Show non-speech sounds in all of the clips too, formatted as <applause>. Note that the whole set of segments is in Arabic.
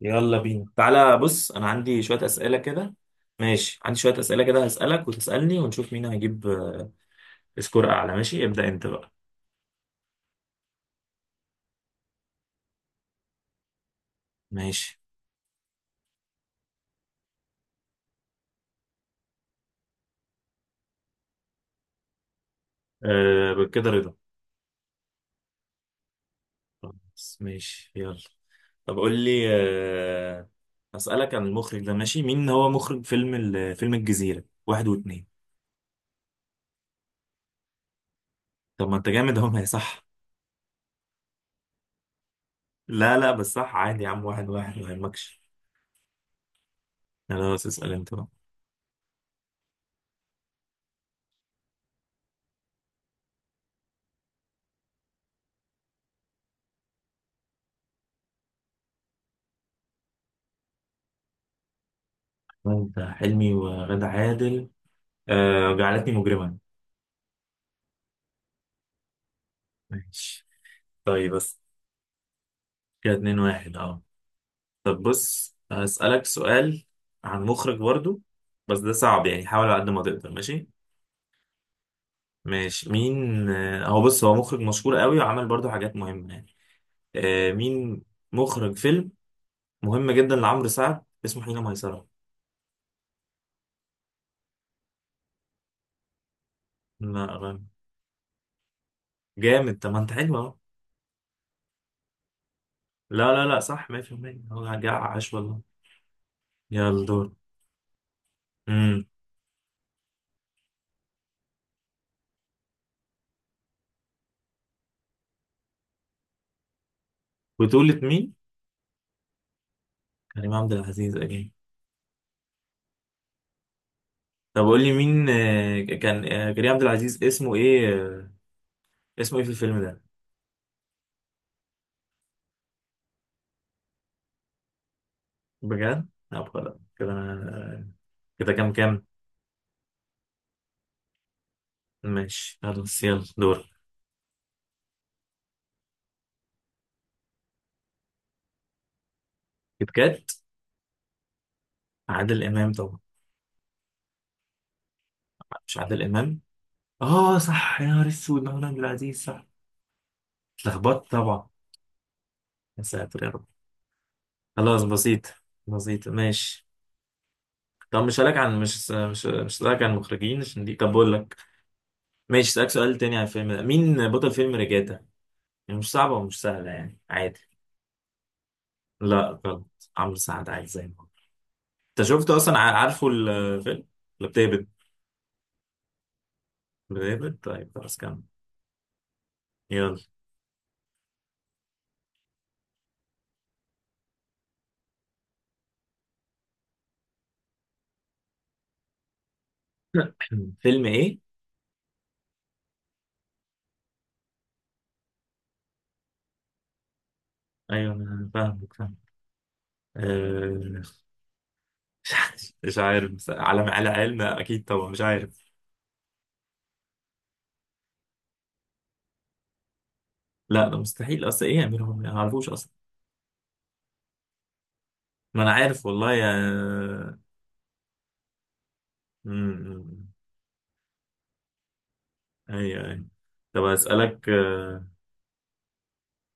يلا بينا تعالى بص انا عندي شوية أسئلة كده ماشي. عندي شوية أسئلة كده هسألك وتسألني ونشوف مين هيجيب سكور اعلى. ماشي ابدأ انت بقى. ماشي أه كده رضا. خلاص ماشي يلا طب قول لي أه هسألك عن المخرج ده ماشي. مين هو مخرج فيلم فيلم الجزيرة واحد واتنين؟ طب ما انت جامد اهو ما هي صح. لا لا بس صح عادي يا عم، واحد واحد ما يهمكش. خلاص اسأل انت بقى. انت حلمي وغادة عادل أه جعلتني مجرما. ماشي طيب، بس كده اتنين واحد اه. طب بص هسألك سؤال عن مخرج برضو، بس ده صعب يعني حاول على قد ما تقدر ماشي. ماشي مين هو بص هو مخرج مشهور قوي وعمل برضو حاجات مهمة يعني. مين مخرج فيلم مهم جدا لعمرو سعد اسمه حين ميسرة؟ لا غلط. جامد طب ما انت حلو اهو. لا لا لا صح 100%. هو جاع عاش والله. يلا دور. امم بطولة مين؟ كريم عبد العزيز اكيد. طب قول لي مين آه، كان آه، كريم عبد العزيز اسمه ايه، اسمه ايه في الفيلم ده؟ بجد؟ لا خلاص كده انا. كده كام كام؟ ماشي خلاص يلا دور. كيت كات. عادل امام طبعا. مش عادل امام؟ اه صح يا نهار اسود، محمود عبد العزيز صح. اتلخبطت طبعا. يا ساتر يا رب. خلاص بسيط. بسيط ماشي. طب مش هسألك عن، مش هسألك عن المخرجين عشان دي، طب بقول لك ماشي هسألك سؤال تاني عن الفيلم ده. مين بطل فيلم ريجاتا؟ يعني مش صعبة ومش سهلة يعني عادي. لا غلط، عمرو سعد عادي زي ما هو. انت شفت اصلا، عارفه الفيلم؟ كلاب ديفيد. كلاب ديفيد طيب خلاص كمل يلا. <clears throat> فيلم ايه؟ ايوه انا فاهمك فاهم. آه، <laughs> مش عارف مش عارف، بس على علم اكيد طبعا مش عارف. لا ده مستحيل اصلا، ايه يعملوا هم؟ ما اعرفوش اصلا. ما انا عارف والله يا م- م- ايوه ايوه. طب هسألك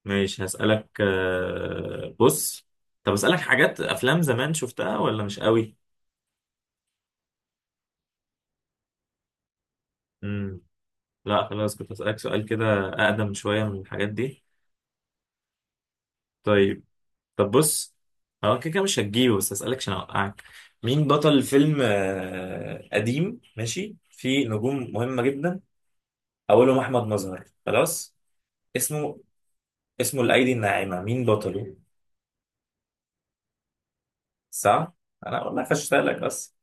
ماشي هسألك بص، طب اسألك حاجات افلام زمان شفتها ولا مش قوي. لا خلاص، كنت أسألك سؤال كده أقدم شوية من الحاجات دي. طيب طب بص، هو كده كده مش هتجيبه، بس أسألك عشان أوقعك. مين بطل فيلم قديم ماشي فيه نجوم مهمة جدا، أولهم أحمد مظهر؟ خلاص اسمه، اسمه الأيدي الناعمة، مين بطله؟ صح. أنا والله فشتلك بس.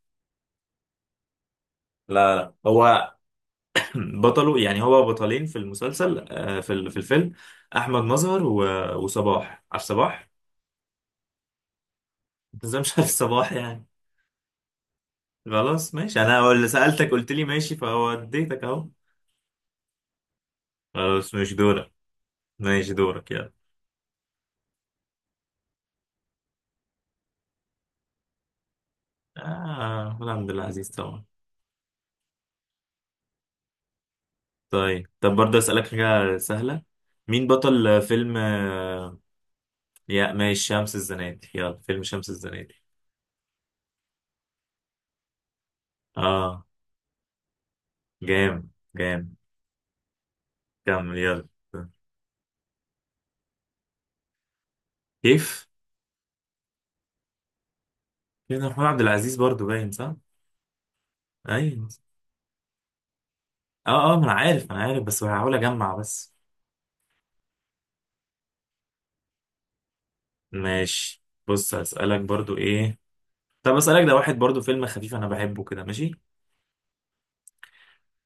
لا لا هو <clears throat> بطله يعني هو بطلين في المسلسل، في الفيلم أحمد مظهر وصباح. عارف صباح؟ أنت إزاي مش عارف صباح يعني. خلاص ماشي، انا هو اللي سألتك قلت لي ماشي فوديتك اهو. خلاص مش دورك. ماشي دورك يلا. اه الحمد لله، عزيز طبعا. طيب طب برضه اسألك حاجة سهلة. مين بطل فيلم يا ماشي، شمس الزناتي، يلا فيلم شمس الزناتي؟ اه جام جام. كمل يلا. كيف. كيف ده محمود عبد العزيز برضه باين صح؟ ايوه. اه اه ما انا عارف انا عارف، بس هحاول اجمع بس. ماشي بص هسألك برضه ايه، طب اسالك ده واحد برضو فيلم خفيف انا بحبه كده ماشي.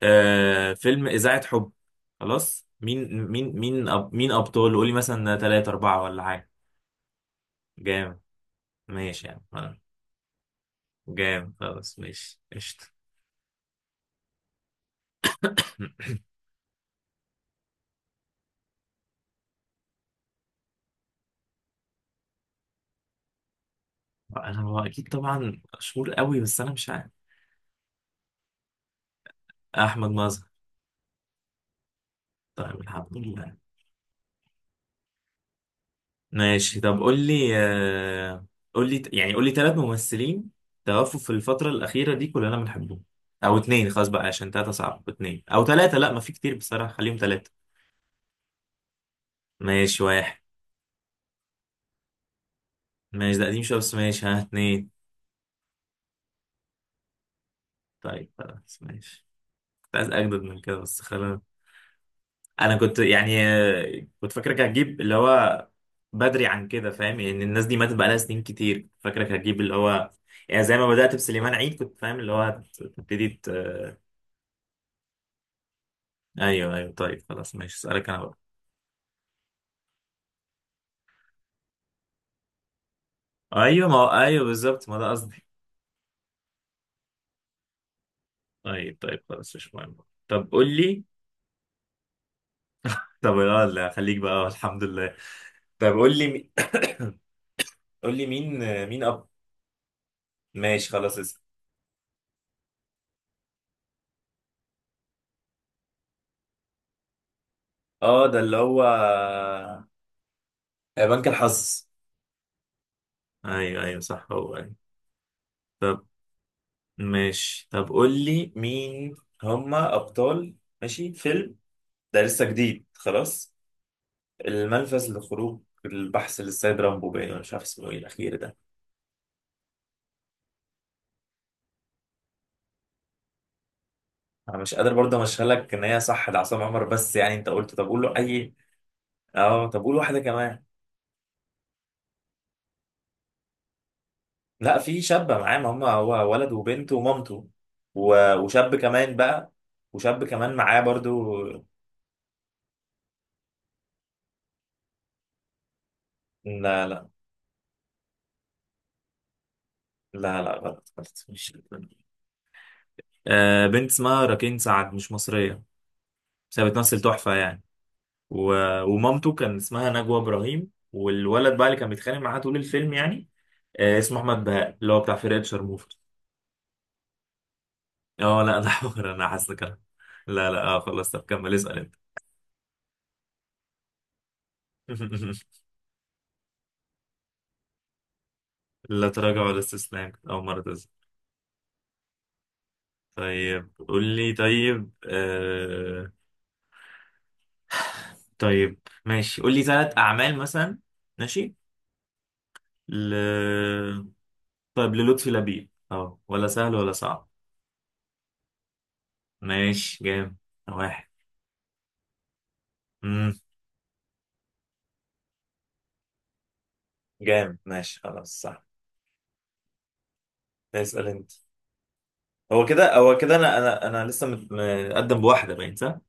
آه فيلم اذاعه حب، خلاص مين مين مين أب، مين ابطال قولي مثلا ثلاثة أربعة ولا حاجه؟ جامد. ماشي يعني جامد خلاص ماشي قشطه. انا هو اكيد طبعا مشهور قوي بس انا مش عارف. احمد مظهر. طيب الحمد لله. ماشي طب قول لي آه، قول لي يعني قول لي ثلاث ممثلين توفوا في الفتره الاخيره دي كلنا بنحبهم، او اتنين خلاص بقى عشان تلاتة صعب، اتنين او تلاتة، لا ما في كتير بصراحة خليهم تلاتة. ماشي واحد. ماشي ده قديم شوية بس ماشي، ها اتنين. طيب خلاص ماشي، كنت عايز أجدد من كده بس خلاص. أنا كنت يعني كنت فاكرك هتجيب اللي هو بدري عن كده، فاهم يعني الناس دي ماتت بقالها سنين كتير، كنت فاكرك هتجيب اللي هو يعني زي ما بدأت بسليمان عيد كنت فاهم اللي هو هتبتدي أيوه أيوه. طيب خلاص ماشي، أسألك أنا بقى. أيوه ما هو أيوه بالظبط، ما ده قصدي. طيب طيب خلاص مش مهم. طب قول لي. طب لا لا خليك بقى الحمد لله. طب قول لي قول لي مين، مين؟ ماشي خلاص اسم. اه ده اللي هو بنك الحظ. ايوه ايوه صح هو ايوه. طب ماشي طب قول لي مين هما ابطال ماشي فيلم ده لسه جديد خلاص، الملفت لخروج البحث للسيد رامبو، باين أنا مش عارف اسمه ايه الاخير ده. انا مش قادر برضه امشيها لك ان هي صح ده عصام عمر، بس يعني انت قلت طب قول له اي. اه طب قول واحده كمان. لا في شابة معاه، ما هم هو ولد وبنت ومامته وشاب كمان بقى. وشاب كمان معاه برضو. لا لا لا لا غلط غلط مش، آه بنت اسمها راكين سعد مش مصرية، بس هي بتمثل تحفة يعني. و... ومامته كان اسمها نجوى إبراهيم، والولد بقى اللي كان بيتخانق معاه طول الفيلم يعني آه اسمه أحمد بهاء اللي هو بتاع فرقة شرموفرز. اه لا انا حمار <laughs> انا حاسس كده. لا لا اه خلاص طب كمل اسأل انت. <laughs> لا تراجع ولا استسلام، أول مرة. طيب قول لي طيب آه، طيب ماشي قول لي ثلاث أعمال مثلا ماشي ل... طيب للطفي لبيب، اه ولا سهل ولا صعب؟ ماشي جامد. واحد. امم جامد ماشي خلاص صح. اسأل انت. هو كده هو كده انا انا لسه متقدم بواحدة باين صح؟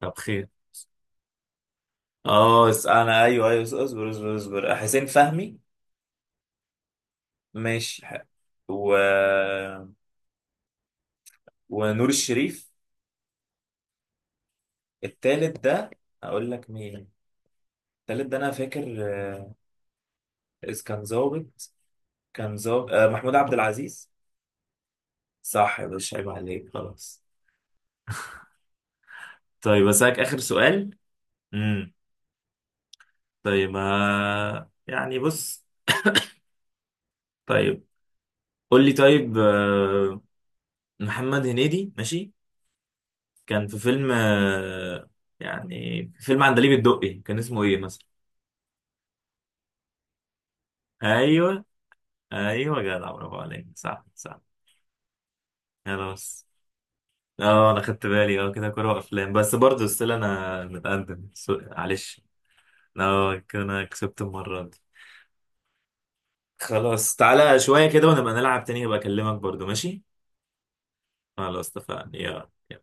طب خير. اه انا ايوه ايوه اصبر اصبر اصبر اصبر. حسين فهمي. ماشي و... ونور الشريف. التالت ده، اقول لك مين، التالت ده انا فاكر آه، إذ كان ظابط، كان ظابط محمود عبد العزيز. صح يا باشا عيب عليك خلاص. طيب اسالك اخر سؤال. امم طيب يعني بص، طيب قول لي طيب محمد هنيدي ماشي كان في فيلم يعني في فيلم عندليب الدقي كان اسمه ايه مثلا؟ ايوه ايوه جدع، برافو عليك صح صح. خلاص. اه انا خدت بالي اه، كده كوره وافلام، بس برضه ستيل انا متقدم، سوري، معلش. اه كده انا كسبت المرة دي. خلاص تعالى شوية كده ونبقى نلعب تاني، هبقى اكلمك برضو ماشي. خلاص اتفقنا يلا.